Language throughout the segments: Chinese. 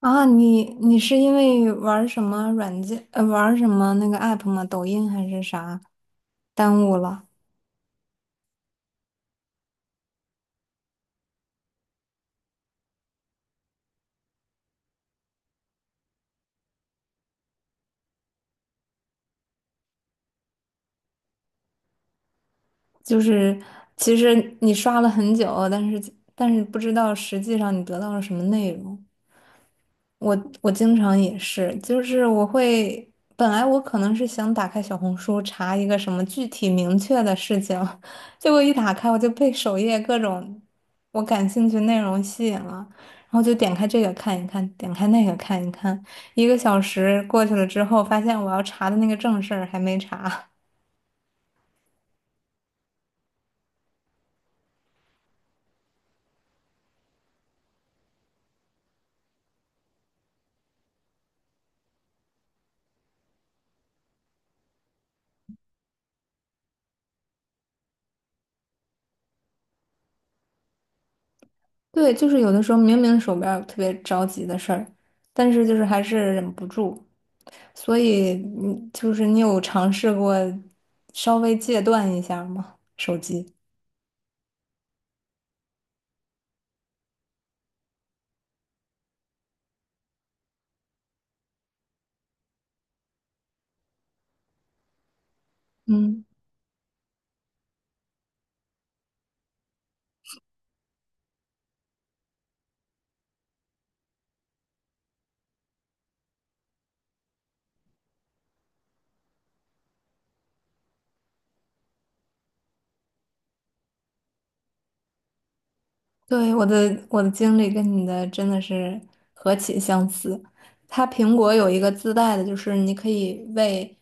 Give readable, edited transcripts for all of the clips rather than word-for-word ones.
啊，你是因为玩儿什么软件，玩儿什么那个 app 吗？抖音还是啥？耽误了，就是其实你刷了很久，但是不知道实际上你得到了什么内容。我我经常也是，就是我会，本来我可能是想打开小红书查一个什么具体明确的事情，结果一打开我就被首页各种我感兴趣内容吸引了，然后就点开这个看一看，点开那个看一看，一个小时过去了之后，发现我要查的那个正事儿还没查。对，就是有的时候明明手边儿有特别着急的事儿，但是就是还是忍不住。所以，就是你有尝试过稍微戒断一下吗？手机？嗯，对，我的经历跟你的真的是何其相似。它苹果有一个自带的，就是你可以为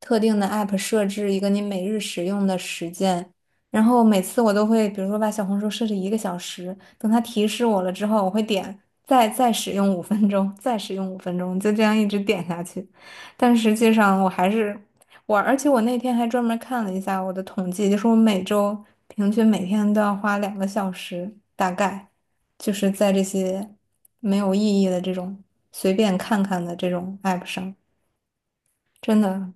特定的 app 设置一个你每日使用的时间。然后每次我都会，比如说把小红书设置一个小时，等它提示我了之后，我会点再使用五分钟，再使用五分钟，就这样一直点下去。但实际上我还是我我那天还专门看了一下我的统计，就是我每周平均每天都要花2个小时，大概就是在这些没有意义的这种随便看看的这种 app 上，真的，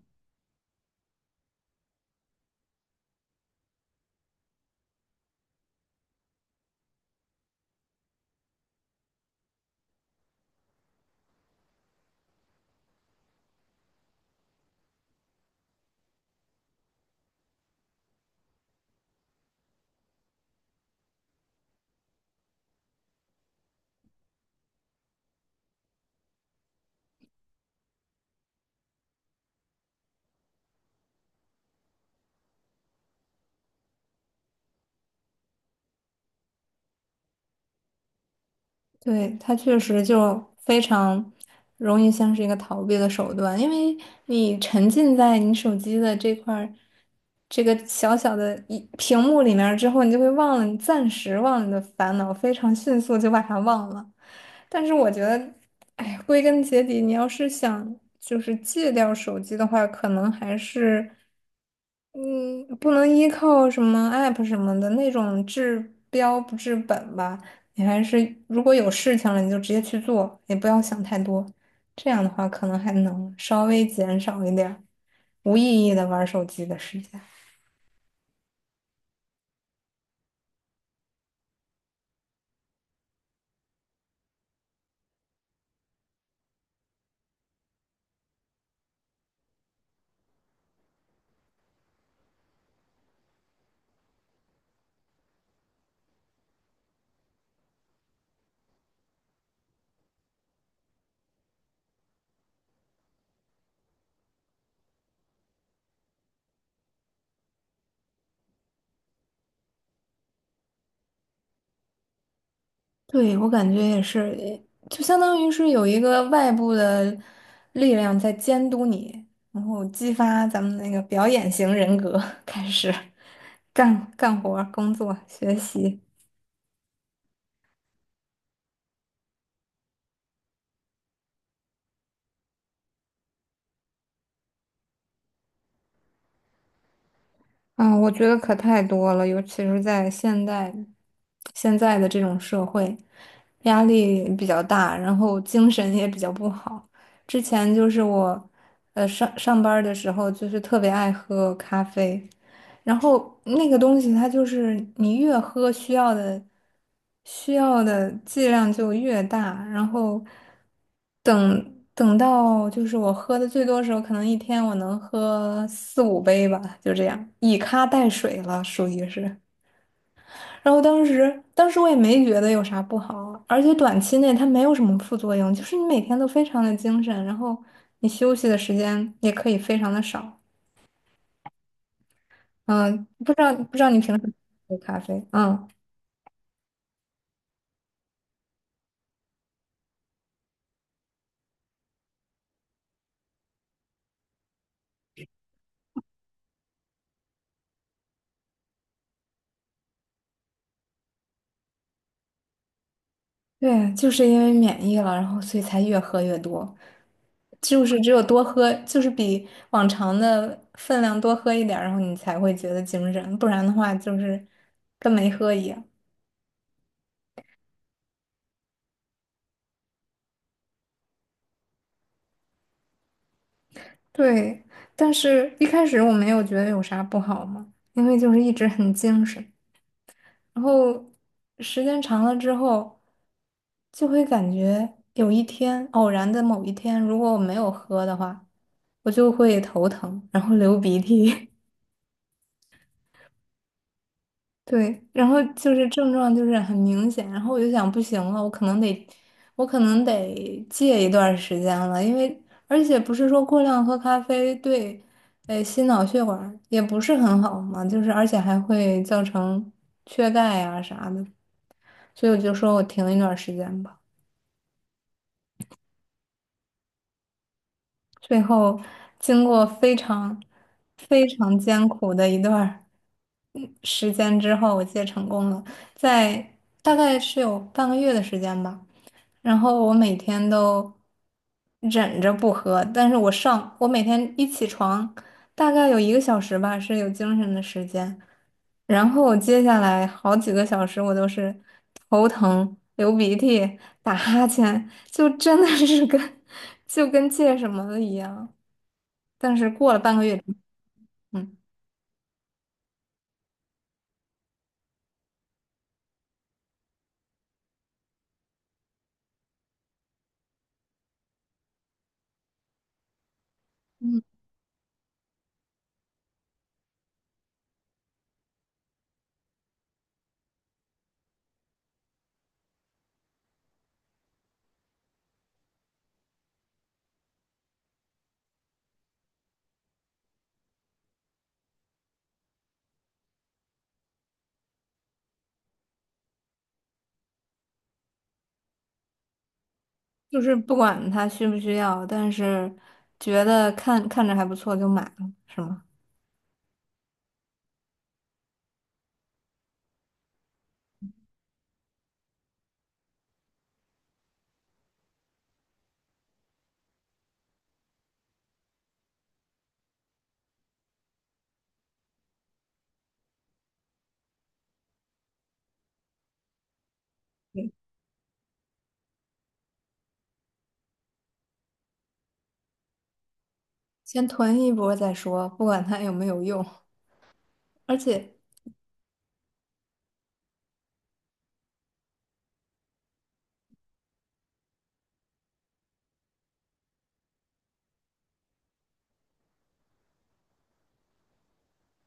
对，它确实就非常容易像是一个逃避的手段，因为你沉浸在你手机的这块。这个小小的一屏幕里面儿之后，你就会忘了，你暂时忘了你的烦恼，非常迅速就把它忘了。但是我觉得，哎归根结底，你要是想就是戒掉手机的话，可能还是嗯，不能依靠什么 app 什么的那种治标不治本吧。你还是如果有事情了，你就直接去做，也不要想太多。这样的话，可能还能稍微减少一点儿无意义的玩手机的时间。对，我感觉也是，就相当于是有一个外部的力量在监督你，然后激发咱们那个表演型人格，开始 干活儿工作、学习。啊，我觉得可太多了，尤其是在现在的这种社会，压力比较大，然后精神也比较不好。之前就是我，呃，上班儿的时候就是特别爱喝咖啡。然后那个东西它就是你越喝需要的剂量就越大，然后等到就是我喝的最多的时候，可能一天我能喝四五杯吧，就这样以咖代水了，属于是。然后当时我也没觉得有啥不好，而且短期内它没有什么副作用，就是你每天都非常的精神，然后你休息的时间也可以非常的少。嗯，不知道你平时喝咖啡，嗯。对，就是因为免疫了，然后所以才越喝越多，就是只有多喝，就是比往常的分量多喝一点儿，然后你才会觉得精神，不然的话就是跟没喝一样。对，但是一开始我没有觉得有啥不好嘛，因为就是一直很精神，然后时间长了之后，就会感觉有一天偶然的某一天，如果我没有喝的话，我就会头疼，然后流鼻涕。对，然后就是症状就是很明显，然后我就想不行了，我可能得戒一段时间了，因为而且不是说过量喝咖啡对，呃，心脑血管也不是很好嘛，就是而且还会造成缺钙啊啥的，所以我就说我停一段时间吧。最后经过非常非常艰苦的时间之后，我戒成功了，在大概是有半个月的时间吧。然后我每天都忍着不喝，但是我上，我每天一起床，大概有一个小时吧，是有精神的时间。然后我接下来好几个小时，我都是头疼、流鼻涕、打哈欠，就真的是跟 就跟戒什么的一样。但是过了半个月，嗯。就是不管他需不需要，但是觉得看看着还不错就买了，是吗？先囤一波再说，不管它有没有用。而且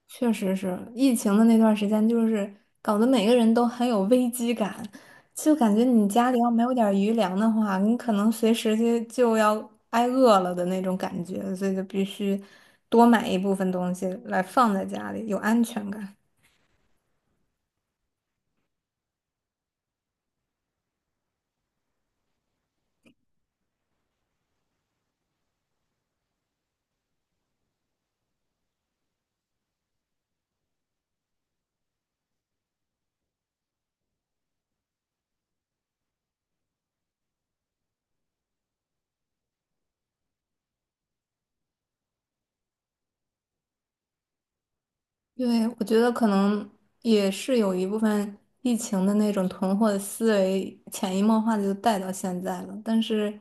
确实是疫情的那段时间，就是搞得每个人都很有危机感，就感觉你家里要没有点儿余粮的话，你可能随时就要挨饿了的那种感觉，所以就必须多买一部分东西来放在家里，有安全感。对，我觉得可能也是有一部分疫情的那种囤货的思维，潜移默化的就带到现在了。但是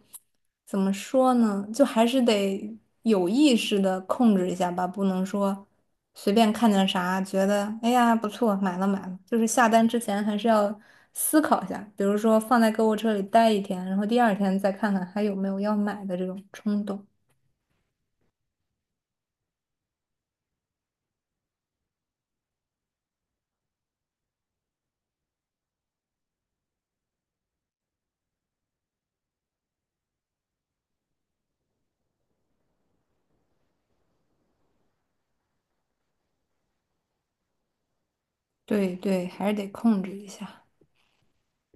怎么说呢，就还是得有意识的控制一下吧，不能说随便看见啥觉得哎呀不错，买了买了，就是下单之前还是要思考一下，比如说放在购物车里待一天，然后第二天再看看还有没有要买的这种冲动。对对，还是得控制一下。